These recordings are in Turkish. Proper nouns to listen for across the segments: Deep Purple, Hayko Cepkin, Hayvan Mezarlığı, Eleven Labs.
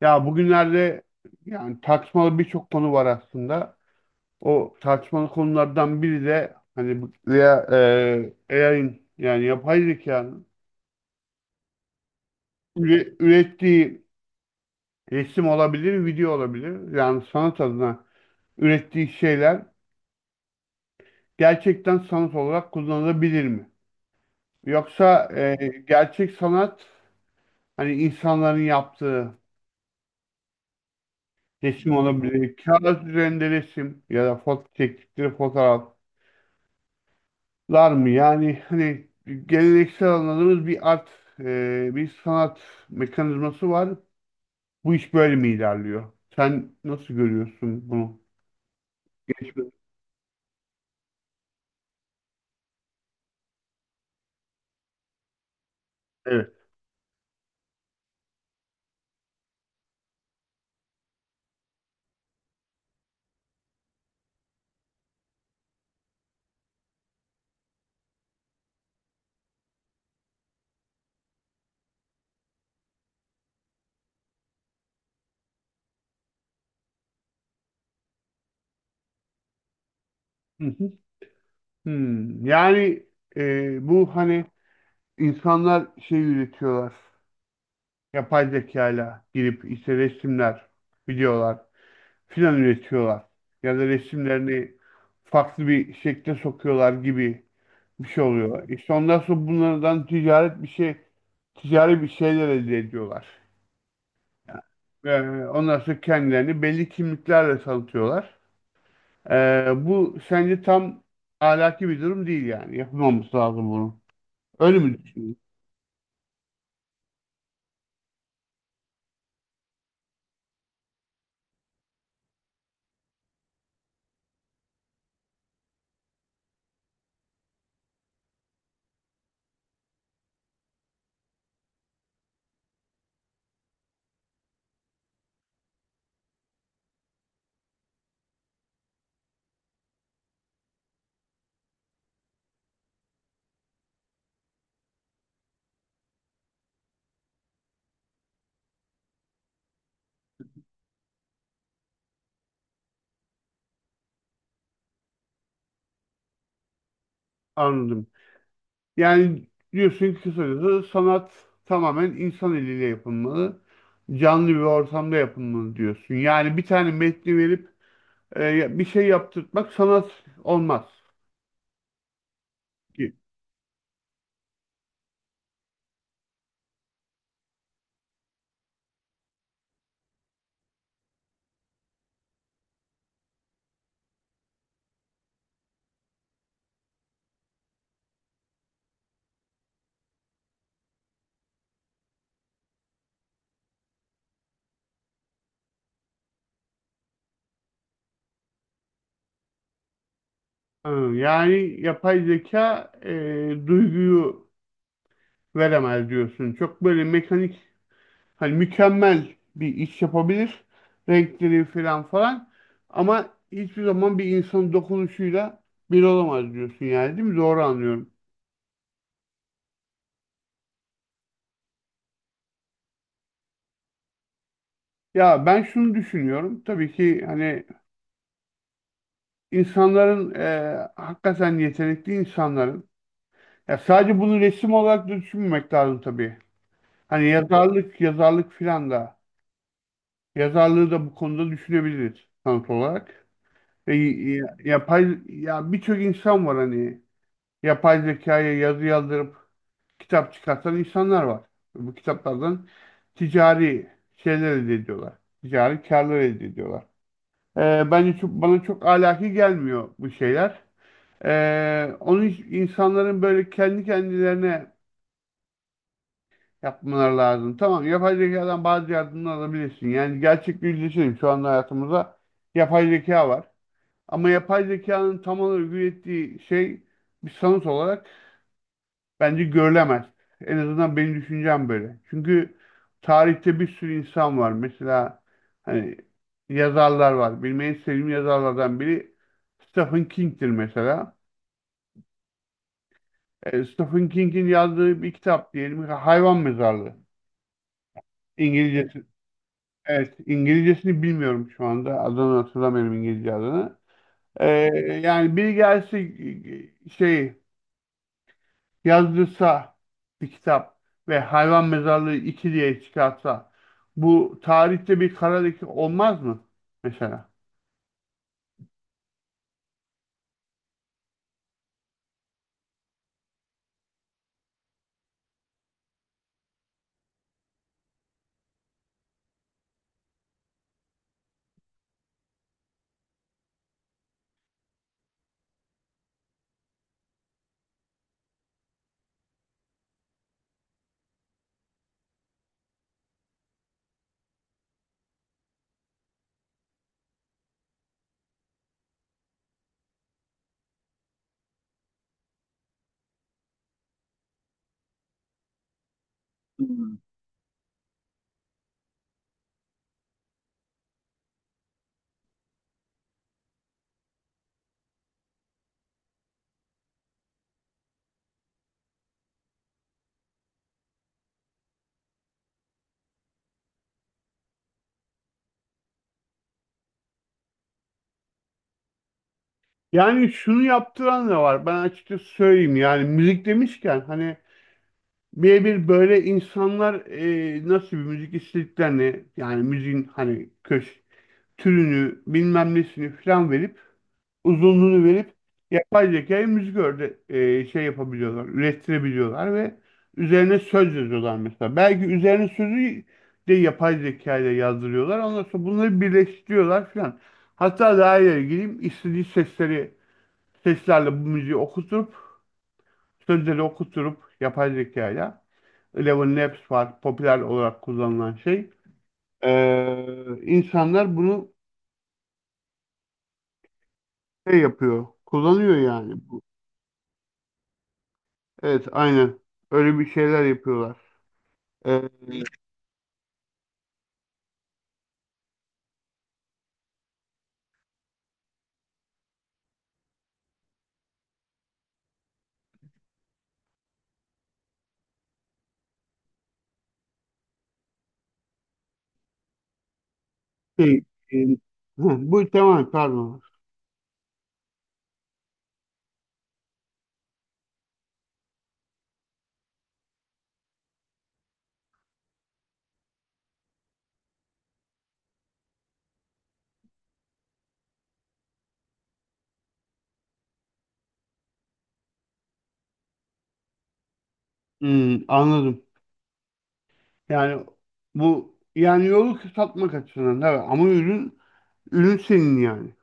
Ya bugünlerde yani tartışmalı birçok konu var aslında. O tartışmalı konulardan biri de hani bu ya, AI'ın yani yapay zekanın ürettiği resim olabilir, video olabilir. Yani sanat adına ürettiği şeyler gerçekten sanat olarak kullanılabilir mi? Yoksa gerçek sanat hani insanların yaptığı resim olabilir, kağıt üzerinde resim ya da foto çektikleri fotoğraf lar mı? Yani hani geleneksel anladığımız bir sanat mekanizması var. Bu iş böyle mi ilerliyor? Sen nasıl görüyorsun bunu? Geçme. Evet. Hı hı. Hmm. Yani bu hani insanlar şey üretiyorlar. Yapay zekayla girip işte resimler, videolar filan üretiyorlar. Ya da resimlerini farklı bir şekle sokuyorlar gibi bir şey oluyor. İşte ondan sonra bunlardan ticaret bir şey ticari bir şeyler elde ediyorlar. Yani, ondan sonra kendilerini belli kimliklerle satıyorlar. Bu sence tam ahlaki bir durum değil yani. Yapmamız lazım bunu. Öyle mi düşünüyorsun? Anladım. Yani diyorsun ki kısacası sanat tamamen insan eliyle yapılmalı. Canlı bir ortamda yapılmalı diyorsun. Yani bir tane metni verip bir şey yaptırtmak sanat olmaz ki. Ha, yani yapay zeka duyguyu veremez diyorsun. Çok böyle mekanik hani mükemmel bir iş yapabilir. Renkleri falan falan. Ama hiçbir zaman bir insanın dokunuşuyla bir olamaz diyorsun yani değil mi? Doğru anlıyorum. Ya ben şunu düşünüyorum. Tabii ki hani insanların hakikaten yetenekli insanların ya sadece bunu resim olarak da düşünmemek lazım tabii. Hani yazarlık yazarlık filan da yazarlığı da bu konuda düşünebiliriz sanat olarak. E, ya- yapay ya birçok insan var hani yapay zekaya yazı yazdırıp kitap çıkartan insanlar var. Bu kitaplardan ticari şeyler elde ediyorlar. Ticari karlar elde ediyorlar. Bana çok ahlaki gelmiyor bu şeyler. E, onu hiç- insanların böyle kendi kendilerine yapmaları lazım. Tamam yapay zekadan bazı yardımlar alabilirsin. Yani gerçek bir yüzleşelim. Şu anda hayatımızda yapay zeka var. Ama yapay zekanın tam olarak ürettiği şey bir sanat olarak bence görülemez. En azından benim düşüncem böyle. Çünkü tarihte bir sürü insan var. Mesela hani yazarlar var. Benim en sevdiğim yazarlardan biri Stephen King'tir mesela. Stephen King'in yazdığı bir kitap diyelim ki Hayvan Mezarlığı. İngilizcesi, evet İngilizcesini bilmiyorum şu anda. Adını hatırlamıyorum İngilizce adını. E, Yani biri gelse şey yazdırsa bir kitap ve Hayvan Mezarlığı 2 diye çıkarsa bu tarihte bir kara leke olmaz mı mesela? Hmm. Yani şunu yaptıran da var. Ben açıkçası söyleyeyim yani müzik demişken hani birebir böyle insanlar nasıl bir müzik istediklerini yani müziğin hani türünü bilmem nesini falan verip uzunluğunu verip yapay zekaya müzik şey yapabiliyorlar, ürettirebiliyorlar ve üzerine söz yazıyorlar mesela. Belki üzerine sözü de yapay zeka ile yazdırıyorlar. Ondan sonra bunları birleştiriyorlar falan. Hatta daha ileri gideyim istediği seslerle bu müziği okutup sözleri okutup yapay zekayla Eleven Labs var popüler olarak kullanılan şey. Ee, insanlar bunu şey yapıyor, kullanıyor yani. Evet, aynen. Öyle bir şeyler yapıyorlar. Ee, şey, e, hı, bu tamam, pardon. Hmm, anladım. Yani bu yani yolu kısaltmak açısından evet ama ürün senin yani.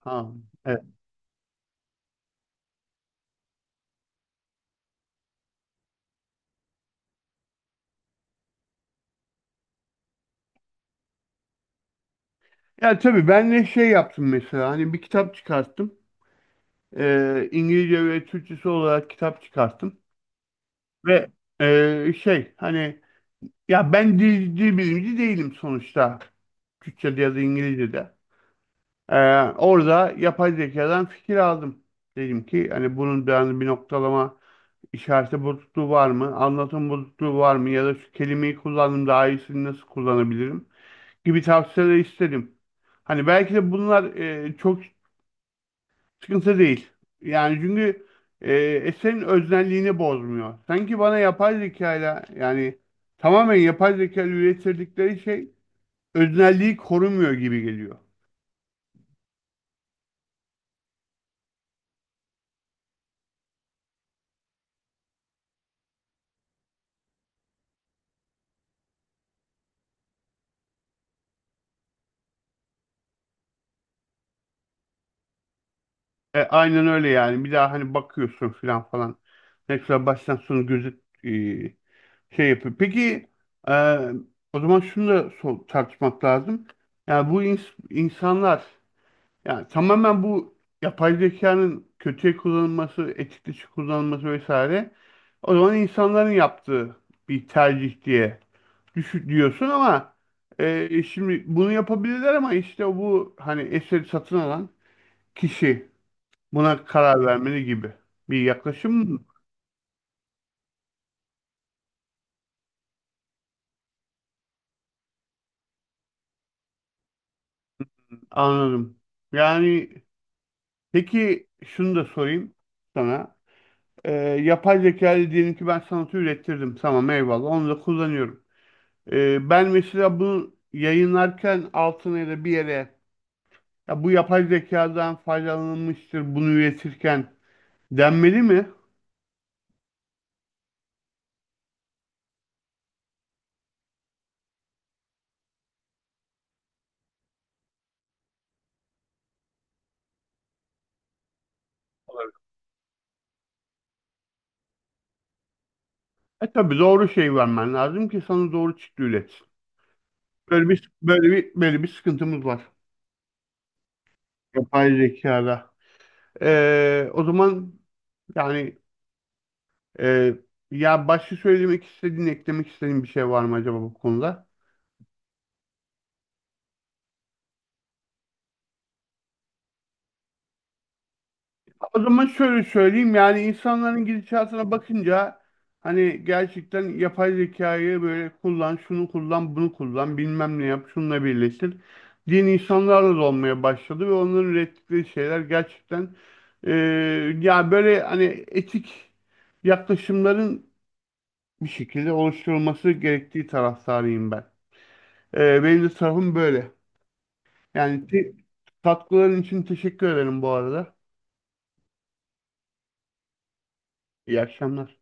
Ha, evet. Ya tabii ben de şey yaptım mesela hani bir kitap çıkarttım. İngilizce ve Türkçesi olarak kitap çıkarttım. Ve şey hani ya ben dil bilimci değilim sonuçta. Türkçe'de ya da İngilizce'de. Orada yapay zekadan fikir aldım. Dedim ki hani bunun hani bir noktalama işareti bozukluğu var mı? Anlatım bozukluğu var mı? Ya da şu kelimeyi kullandım daha iyisini nasıl kullanabilirim? Gibi tavsiyeler istedim. Hani belki de bunlar çok sıkıntı değil. Yani çünkü eserin öznelliğini bozmuyor. Sanki bana yapay zekayla yani tamamen yapay zeka ile ürettirdikleri şey öznelliği korumuyor gibi geliyor. Aynen öyle yani. Bir daha hani bakıyorsun filan falan. Ne kadar baştan sona şey yapıyor. Peki e, o zaman şunu da tartışmak lazım. Yani bu insanlar yani tamamen bu yapay zekanın kötüye kullanılması, etik dışı kullanılması vesaire o zaman insanların yaptığı bir tercih diye düşün diyorsun ama şimdi bunu yapabilirler ama işte bu hani eseri satın alan kişi buna karar vermeli gibi bir yaklaşım. Anladım. Yani peki şunu da sorayım sana. Ee, yapay zeka ile diyelim ki ben sanatı ürettirdim. Tamam eyvallah onu da kullanıyorum. Ben mesela bunu yayınlarken altına ya da bir yere ya bu yapay zekadan faydalanılmıştır bunu üretirken denmeli mi? E, tabii doğru şey vermen lazım ki sana doğru çıktı üret. Böyle bir sıkıntımız var yapay zekada. O zaman yani, e, ya başka söylemek istediğin, eklemek istediğin bir şey var mı acaba bu konuda? O zaman şöyle söyleyeyim yani insanların gidişatına bakınca hani gerçekten yapay zekayı böyle kullan, şunu kullan, bunu kullan, bilmem ne yap, şununla birleştir diyen insanlarla da olmaya başladı ve onların ürettikleri şeyler gerçekten e, ya böyle hani etik yaklaşımların bir şekilde oluşturulması gerektiği taraftarıyım ben. Benim de tarafım böyle. Yani katkıların için teşekkür ederim bu arada. İyi akşamlar.